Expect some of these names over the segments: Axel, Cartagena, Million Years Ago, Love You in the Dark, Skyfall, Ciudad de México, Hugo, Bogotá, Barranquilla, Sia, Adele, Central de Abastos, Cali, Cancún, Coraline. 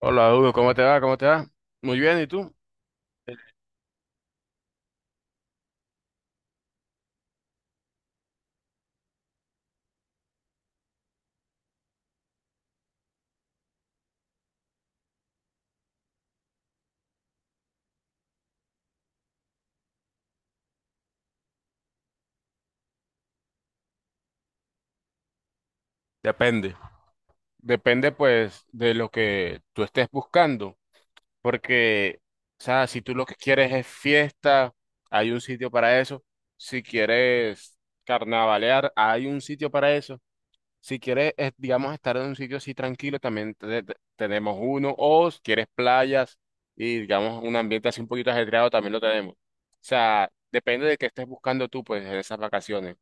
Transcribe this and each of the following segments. Hola, Hugo, ¿cómo te va? ¿Cómo te va? Muy bien, ¿y tú? Depende. Depende, pues, de lo que tú estés buscando. Porque, o sea, si tú lo que quieres es fiesta, hay un sitio para eso. Si quieres carnavalear, hay un sitio para eso. Si quieres, digamos, estar en un sitio así tranquilo, también tenemos uno. O si quieres playas y, digamos, un ambiente así un poquito ajetreado, también lo tenemos. O sea, depende de qué estés buscando tú, pues, en esas vacaciones.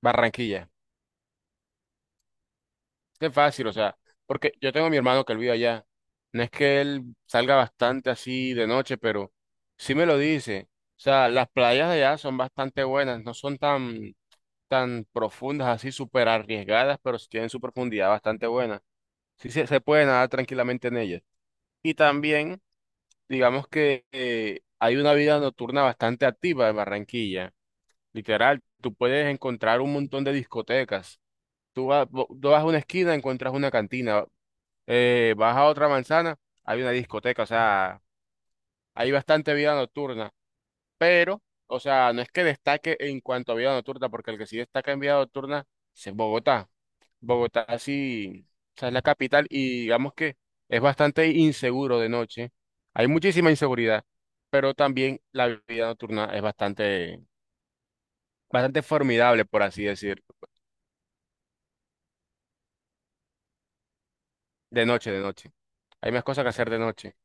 Barranquilla. Es que es fácil, o sea, porque yo tengo a mi hermano que él vive allá. No es que él salga bastante así de noche, pero sí me lo dice. O sea, las playas de allá son bastante buenas, no son tan, tan profundas, así súper arriesgadas, pero sí tienen su profundidad bastante buena. Sí se puede nadar tranquilamente en ellas. Y también, digamos que hay una vida nocturna bastante activa en Barranquilla. Literal, tú puedes encontrar un montón de discotecas. Tú vas, tú vas a una esquina, encuentras una cantina, vas a otra manzana, hay una discoteca, o sea, hay bastante vida nocturna, pero, o sea, no es que destaque en cuanto a vida nocturna, porque el que sí destaca en vida nocturna es en Bogotá. Bogotá sí, o sea, es la capital y digamos que es bastante inseguro de noche. Hay muchísima inseguridad, pero también la vida nocturna es bastante, bastante formidable, por así decir, de noche, de noche. Hay más cosas que hacer de noche.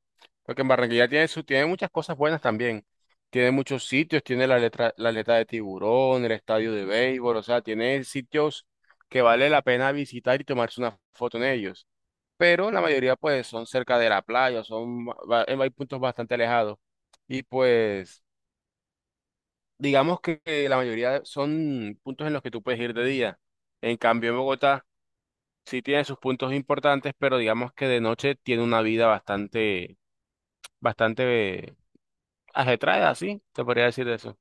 Porque en Barranquilla tiene, su, tiene muchas cosas buenas también. Tiene muchos sitios, tiene la letra, la aleta de tiburón, el estadio de béisbol, o sea, tiene sitios que vale la pena visitar y tomarse una foto en ellos. Pero la mayoría pues son cerca de la playa, son, hay puntos bastante alejados. Y pues digamos que la mayoría son puntos en los que tú puedes ir de día. En cambio, en Bogotá sí tiene sus puntos importantes, pero digamos que de noche tiene una vida bastante, bastante ajetreada, así, te podría decir de eso.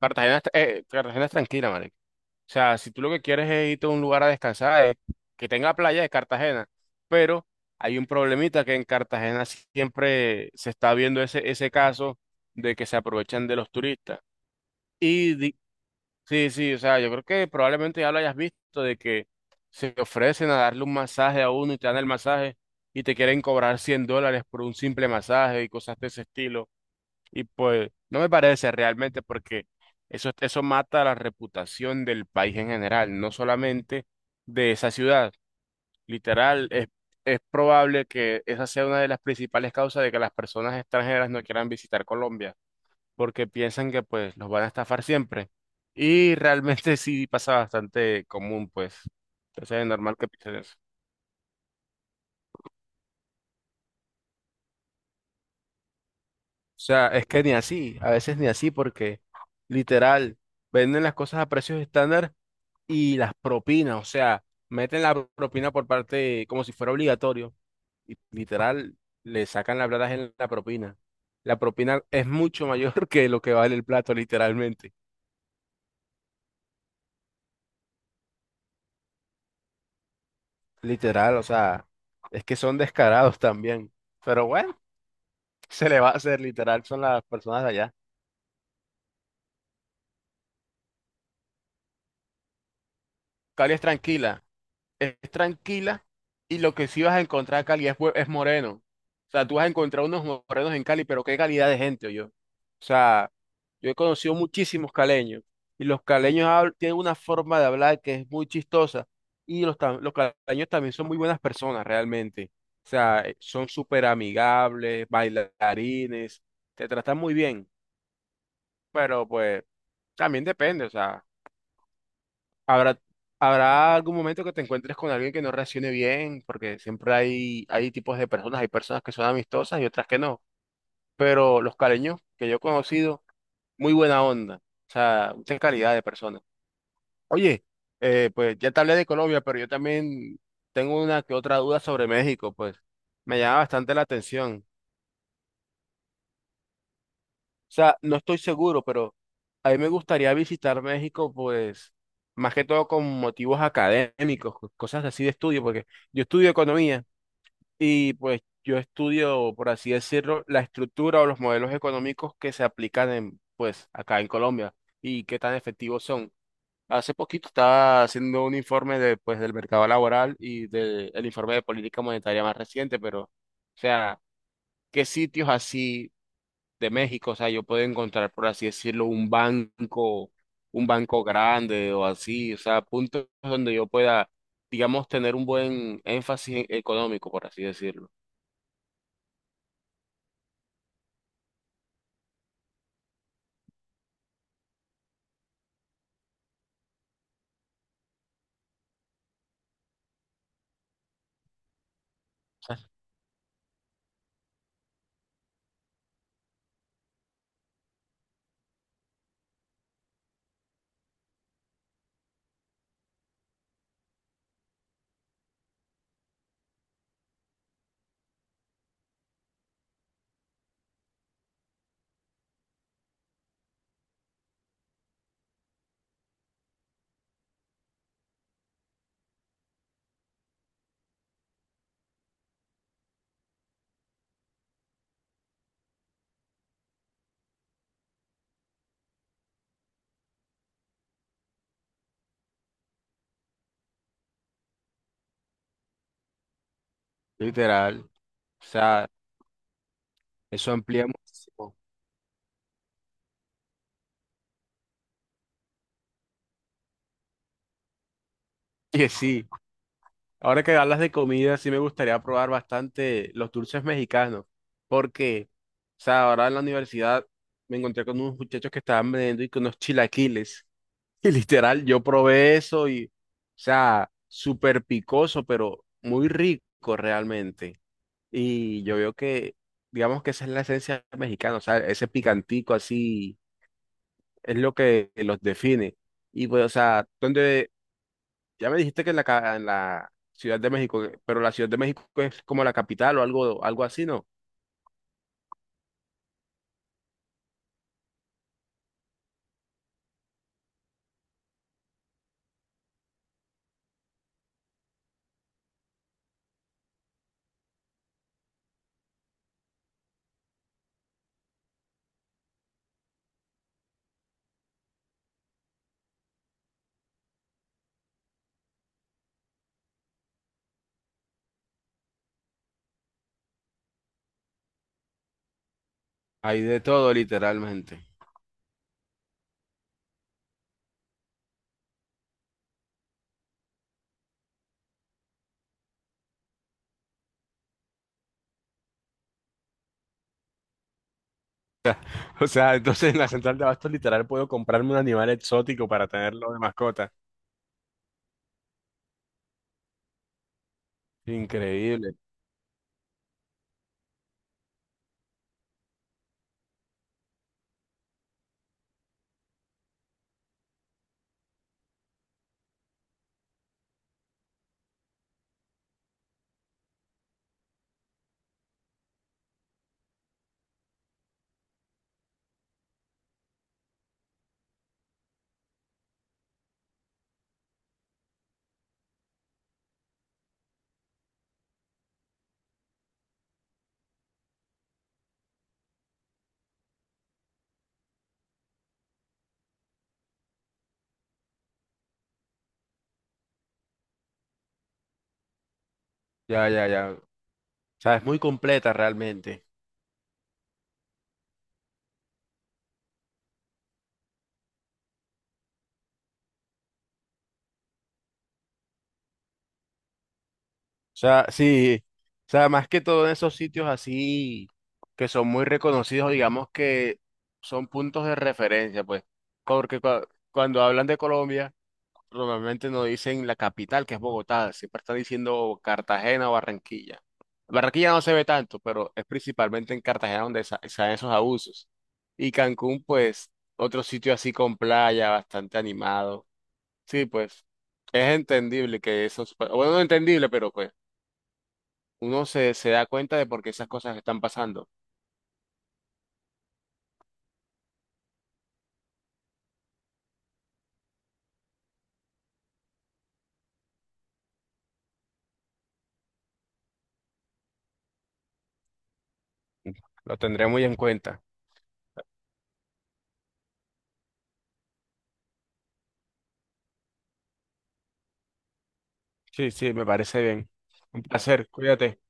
Cartagena, Cartagena es tranquila, marico. O sea, si tú lo que quieres es irte a un lugar a descansar, que tenga playa de Cartagena, pero hay un problemita que en Cartagena siempre se está viendo ese caso de que se aprovechan de los turistas. Y di- sí, sí, o sea, yo creo que probablemente ya lo hayas visto de que se ofrecen a darle un masaje a uno y te dan el masaje y te quieren cobrar $100 por un simple masaje y cosas de ese estilo. Y pues no me parece realmente porque eso mata la reputación del país en general, no solamente de esa ciudad. Literal, es probable que esa sea una de las principales causas de que las personas extranjeras no quieran visitar Colombia, porque piensan que pues los van a estafar siempre. Y realmente sí pasa bastante común, pues. Entonces es normal que piensen eso. O sea, es que ni así, a veces ni así porque literal, venden las cosas a precios estándar y las propinas, o sea, meten la propina por parte, como si fuera obligatorio, y literal, le sacan la plata en la propina. La propina es mucho mayor que lo que vale el plato, literalmente. Literal, o sea, es que son descarados también. Pero bueno, se le va a hacer, literal, son las personas de allá. Cali es tranquila y lo que sí vas a encontrar acá Cali es, es moreno. O sea, tú vas a encontrar unos morenos en Cali, pero qué calidad de gente, yo. O sea, yo he conocido muchísimos caleños y los caleños tienen una forma de hablar que es muy chistosa y los, los caleños también son muy buenas personas realmente. O sea, son súper amigables, bailarines, te tratan muy bien, pero pues también depende, o sea. Habrá, habrá algún momento que te encuentres con alguien que no reaccione bien, porque siempre hay, hay tipos de personas, hay personas que son amistosas y otras que no. Pero los caleños que yo he conocido, muy buena onda, o sea, mucha calidad de personas. Oye, pues ya te hablé de Colombia, pero yo también tengo una que otra duda sobre México, pues me llama bastante la atención. O sea, no estoy seguro, pero a mí me gustaría visitar México, pues, más que todo con motivos académicos, cosas así de estudio, porque yo estudio economía y pues yo estudio, por así decirlo, la estructura o los modelos económicos que se aplican en, pues, acá en Colombia y qué tan efectivos son. Hace poquito estaba haciendo un informe de, pues, del mercado laboral y del informe de política monetaria más reciente, pero, o sea, ¿qué sitios así de México? O sea, yo puedo encontrar, por así decirlo, un banco grande o así, o sea, puntos donde yo pueda, digamos, tener un buen énfasis económico, por así decirlo. Literal. O sea, eso amplía muchísimo. Y sí, ahora que hablas de comida, sí me gustaría probar bastante los dulces mexicanos. Porque, o sea, ahora en la universidad me encontré con unos muchachos que estaban vendiendo y con unos chilaquiles. Y literal, yo probé eso y, o sea, súper picoso, pero muy rico realmente. Y yo veo que, digamos que esa es la esencia mexicana, o sea, ese picantico así es lo que los define. Y pues, o sea, donde, ya me dijiste que en la, en la Ciudad de México, pero la Ciudad de México es como la capital o algo, algo así, ¿no? Hay de todo, literalmente. O sea, entonces en la central de abastos literal puedo comprarme un animal exótico para tenerlo de mascota. Increíble. Ya, ya, ya. O sea, es muy completa realmente. O sea, sí. O sea, más que todo en esos sitios así que son muy reconocidos, digamos que son puntos de referencia, pues. Porque cuando hablan de Colombia, normalmente no dicen la capital, que es Bogotá, siempre están diciendo Cartagena o Barranquilla. Barranquilla no se ve tanto, pero es principalmente en Cartagena donde se dan esos abusos. Y Cancún, pues, otro sitio así con playa, bastante animado. Sí, pues es entendible que eso, es- bueno, no entendible, pero pues uno se da cuenta de por qué esas cosas están pasando. Lo tendré muy en cuenta. Sí, sí, me parece bien. Un placer, cuídate.